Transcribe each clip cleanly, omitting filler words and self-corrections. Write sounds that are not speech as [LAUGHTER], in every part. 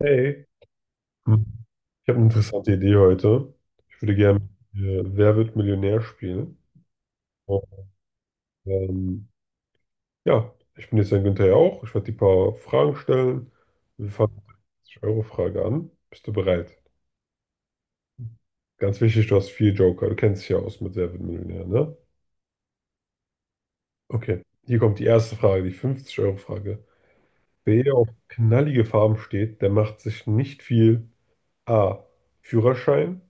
Hey, Hm. Ich habe eine interessante Idee heute. Ich würde gerne Wer wird Millionär spielen. Und, ähm, ja, ich bin jetzt ein Günther ja auch. Ich werde dir ein paar Fragen stellen. Wir fangen mit der 50-Euro-Frage an. Bist du bereit? Ganz wichtig, du hast vier Joker. Du kennst dich ja aus mit Wer wird Millionär, ne? Okay, hier kommt die erste Frage, die 50-Euro-Frage. Wer auf knallige Farben steht, der macht sich nicht viel. A. Führerschein,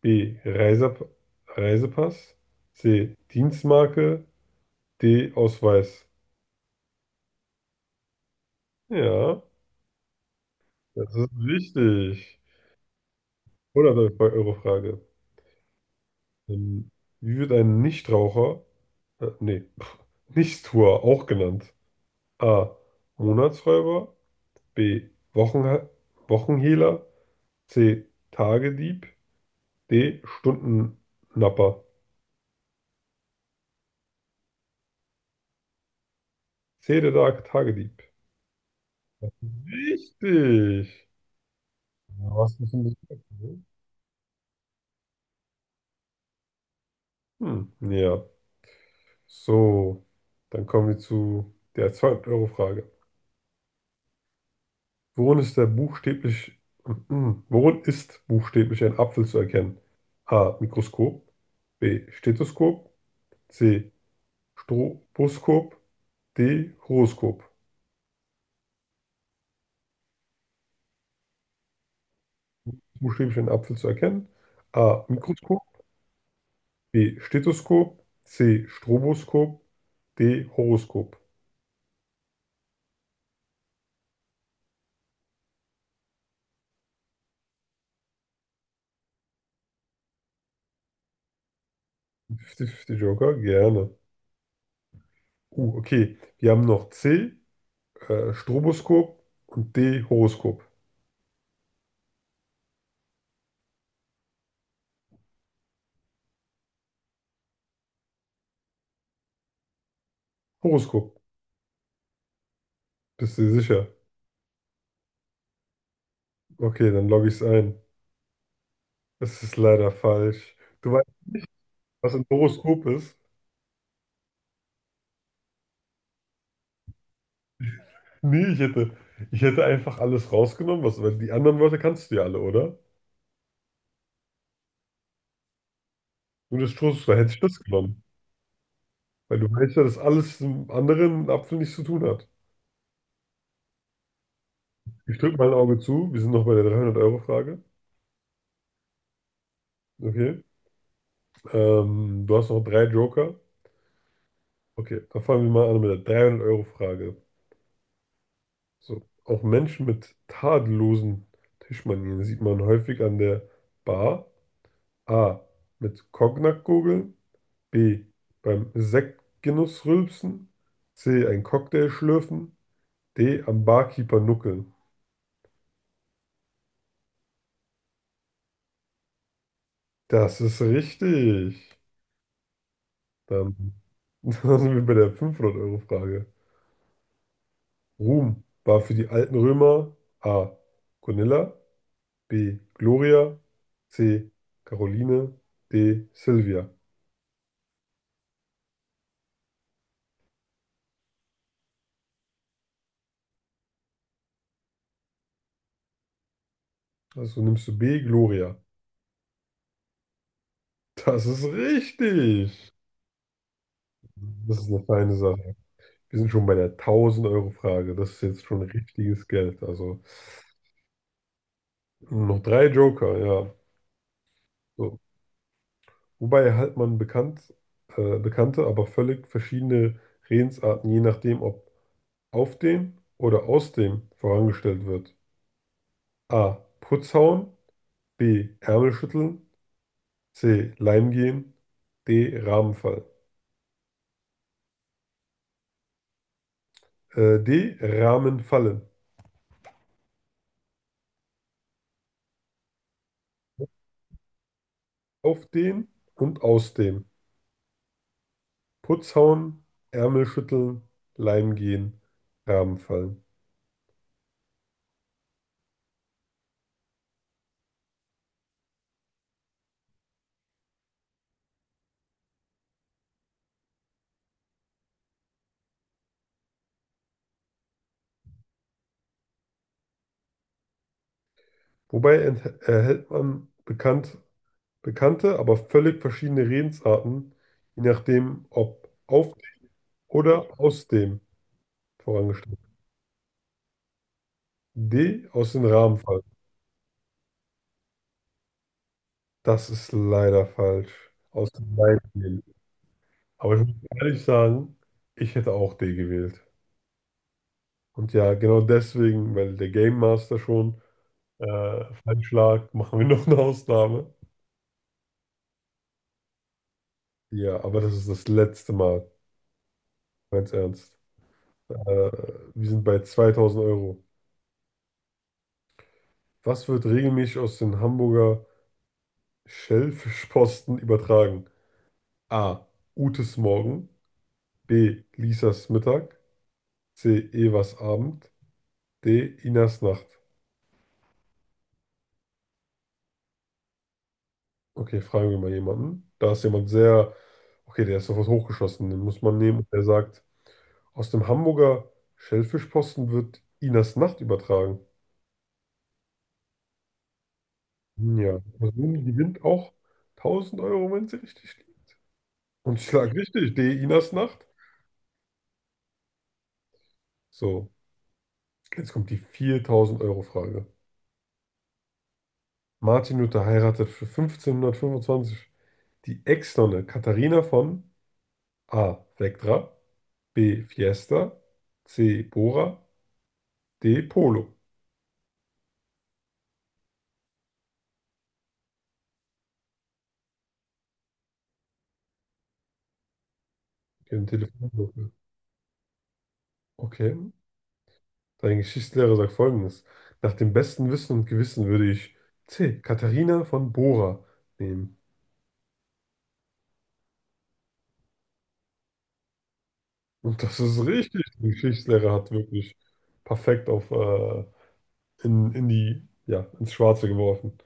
B. Reisepass. C. Dienstmarke. D. Ausweis. Ja, das ist richtig. 100-Euro-Frage. Ähm, wie wird ein Nichtraucher, nee, [LAUGHS] Nichtstuer auch genannt? A. Monatsräuber. B. Wochenha Wochenhehler. C. Tagedieb. D. Stundennapper. C. Der Tagedieb. Richtig. Ja, was ist denn das? Hm, ja. So, dann kommen wir zu der 200 Euro Frage. Worin ist der buchstäblich, mhm. worin ist buchstäblich ein Apfel zu erkennen? A. Mikroskop. B. Stethoskop. C. Stroboskop. D. Horoskop. Buchstäblich ein Apfel zu erkennen? A. Mikroskop. B. Stethoskop. C. Stroboskop. D. Horoskop. 50 Fünfzig Joker, gerne. Okay. Wir haben noch C. Stroboskop und D. Horoskop. Horoskop. Bist du dir sicher? Okay, dann logge ich es ein. Es ist leider falsch. Du weißt, was ein Horoskop ist? Nee, ich hätte einfach alles rausgenommen, was, weil die anderen Wörter kannst du ja alle, oder? Nur das Stroboskop hätte ich das genommen. Weil du weißt ja, dass alles mit dem anderen Apfel nichts zu tun hat. Ich drücke mal ein Auge zu. Wir sind noch bei der 300 Euro Frage. Okay. Du hast noch drei Joker. Okay, dann fangen wir mal an mit der 300 Euro Frage. So, auch Menschen mit tadellosen Tischmanieren sieht man häufig an der Bar. A. Mit Cognac-Gurgeln. B. Beim Sektgenuss rülpsen. C. Ein Cocktail schlürfen. D. Am Barkeeper nuckeln. Das ist richtig. Dann, [LAUGHS] dann sind wir bei der 500-Euro-Frage. Ruhm war für die alten Römer A. Gonilla. B. Gloria. C. Caroline. D. Silvia. Also nimmst du B, Gloria. Das ist richtig. Das ist eine feine Sache. Wir sind schon bei der 1.000-Euro-Frage. Das ist jetzt schon richtiges Geld. Also noch drei Joker, ja. So. Wobei halt man bekannte, aber völlig verschiedene Redensarten, je nachdem, ob auf dem oder aus dem vorangestellt wird. A. Putzhauen. B. Ärmel schütteln. C. Leim gehen. D. Rahmen fallen. D. Rahmen fallen. Auf den und aus dem. Putz hauen, Ärmel schütteln, Leim gehen, Rahmen fallen. Erhält man bekannt, bekannte, aber völlig verschiedene Redensarten, je nachdem, ob auf dem oder aus dem vorangestellt. D, aus dem Rahmen fallen. Das ist leider falsch. Aus dem Leim gehen. Aber ich muss ehrlich sagen, ich hätte auch D gewählt. Und ja, genau deswegen, weil der Game Master schon. Feinschlag, machen wir noch eine Ausnahme. Ja, aber das ist das letzte Mal, ganz ernst. Äh, wir sind bei 2.000 Euro. Was wird regelmäßig aus den Hamburger Schellfischposten übertragen? A. Utes Morgen. B. Lisas Mittag. C. Evas Abend. D. Inas Nacht. Okay, fragen wir mal jemanden. Da ist jemand sehr, okay, der ist sofort hochgeschossen. Den muss man nehmen. Der sagt, aus dem Hamburger Schellfischposten wird Inas Nacht übertragen. Ja, also Moon gewinnt auch 1.000 Euro, wenn sie richtig liegt. Und ich schlag richtig, D. Inas Nacht. So, jetzt kommt die 4.000 Euro Frage. Martin Luther heiratet für 1525 die Ex-Nonne Katharina von A. Vectra, B. Fiesta, C. Bora, D. Polo. Ihren Telefonbuch. Okay. Dein Geschichtslehrer sagt Folgendes. Nach dem besten Wissen und Gewissen würde ich C. Katharina von Bora nehmen. Und das ist richtig. Die Geschichtslehrer hat wirklich perfekt auf in die, ja, ins Schwarze geworfen.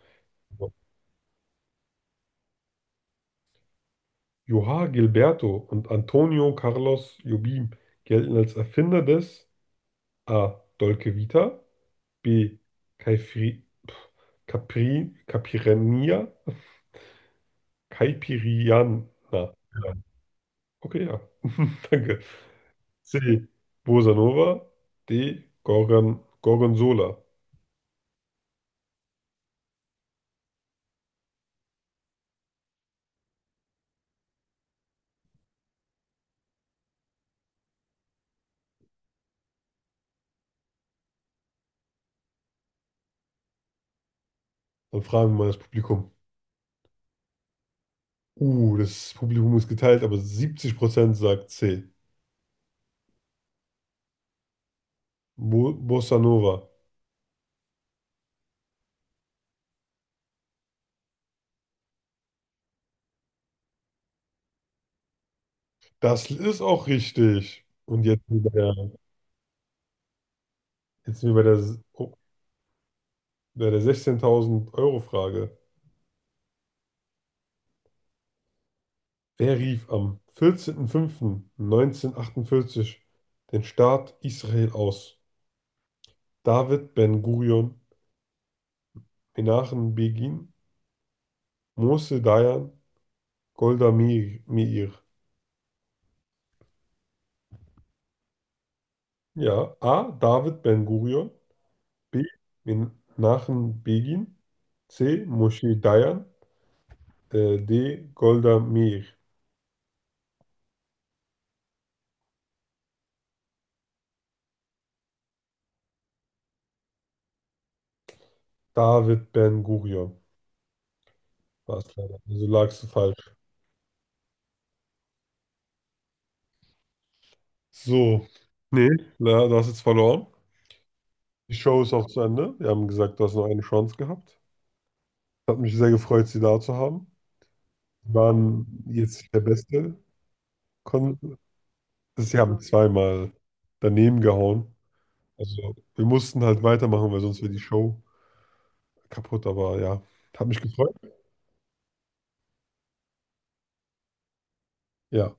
João Gilberto und Antonio Carlos Jobim gelten als Erfinder des A. Dolce Vita, B. Caifri, pf, Capri, Capirania, Caipiriana. Okay, ja. [LAUGHS] Danke. C. Bossa Nova, D. Gorgonzola. Dann fragen wir mal das Publikum. Das Publikum ist geteilt, aber 70% sagt C. Bo Bossa Nova. Das ist auch richtig. Jetzt sind wir bei der, oh, bei der 16.000 Euro Frage. Wer rief am 14.05.1948 den Staat Israel aus? David Ben-Gurion, Menachem Begin, Moshe Dayan, Golda Meir. Meir. Ja, A. David Ben-Gurion, B. Menachem Begin. C. Moshe Dayan. D. Golda Meir. David Ben-Gurion. War es leider. Also lagst du falsch. So. Nee, na, du hast jetzt verloren. Die Show ist auch zu Ende. Wir haben gesagt, du hast noch eine Chance gehabt. Hat mich sehr gefreut, sie da zu haben. Sie waren jetzt nicht der Beste. Kon sie haben zweimal daneben gehauen. Also wir mussten halt weitermachen, weil sonst wäre die Show kaputt. Aber ja, hat mich gefreut. Ja,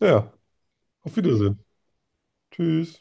ja. Ja. Auf Wiedersehen. Tschüss.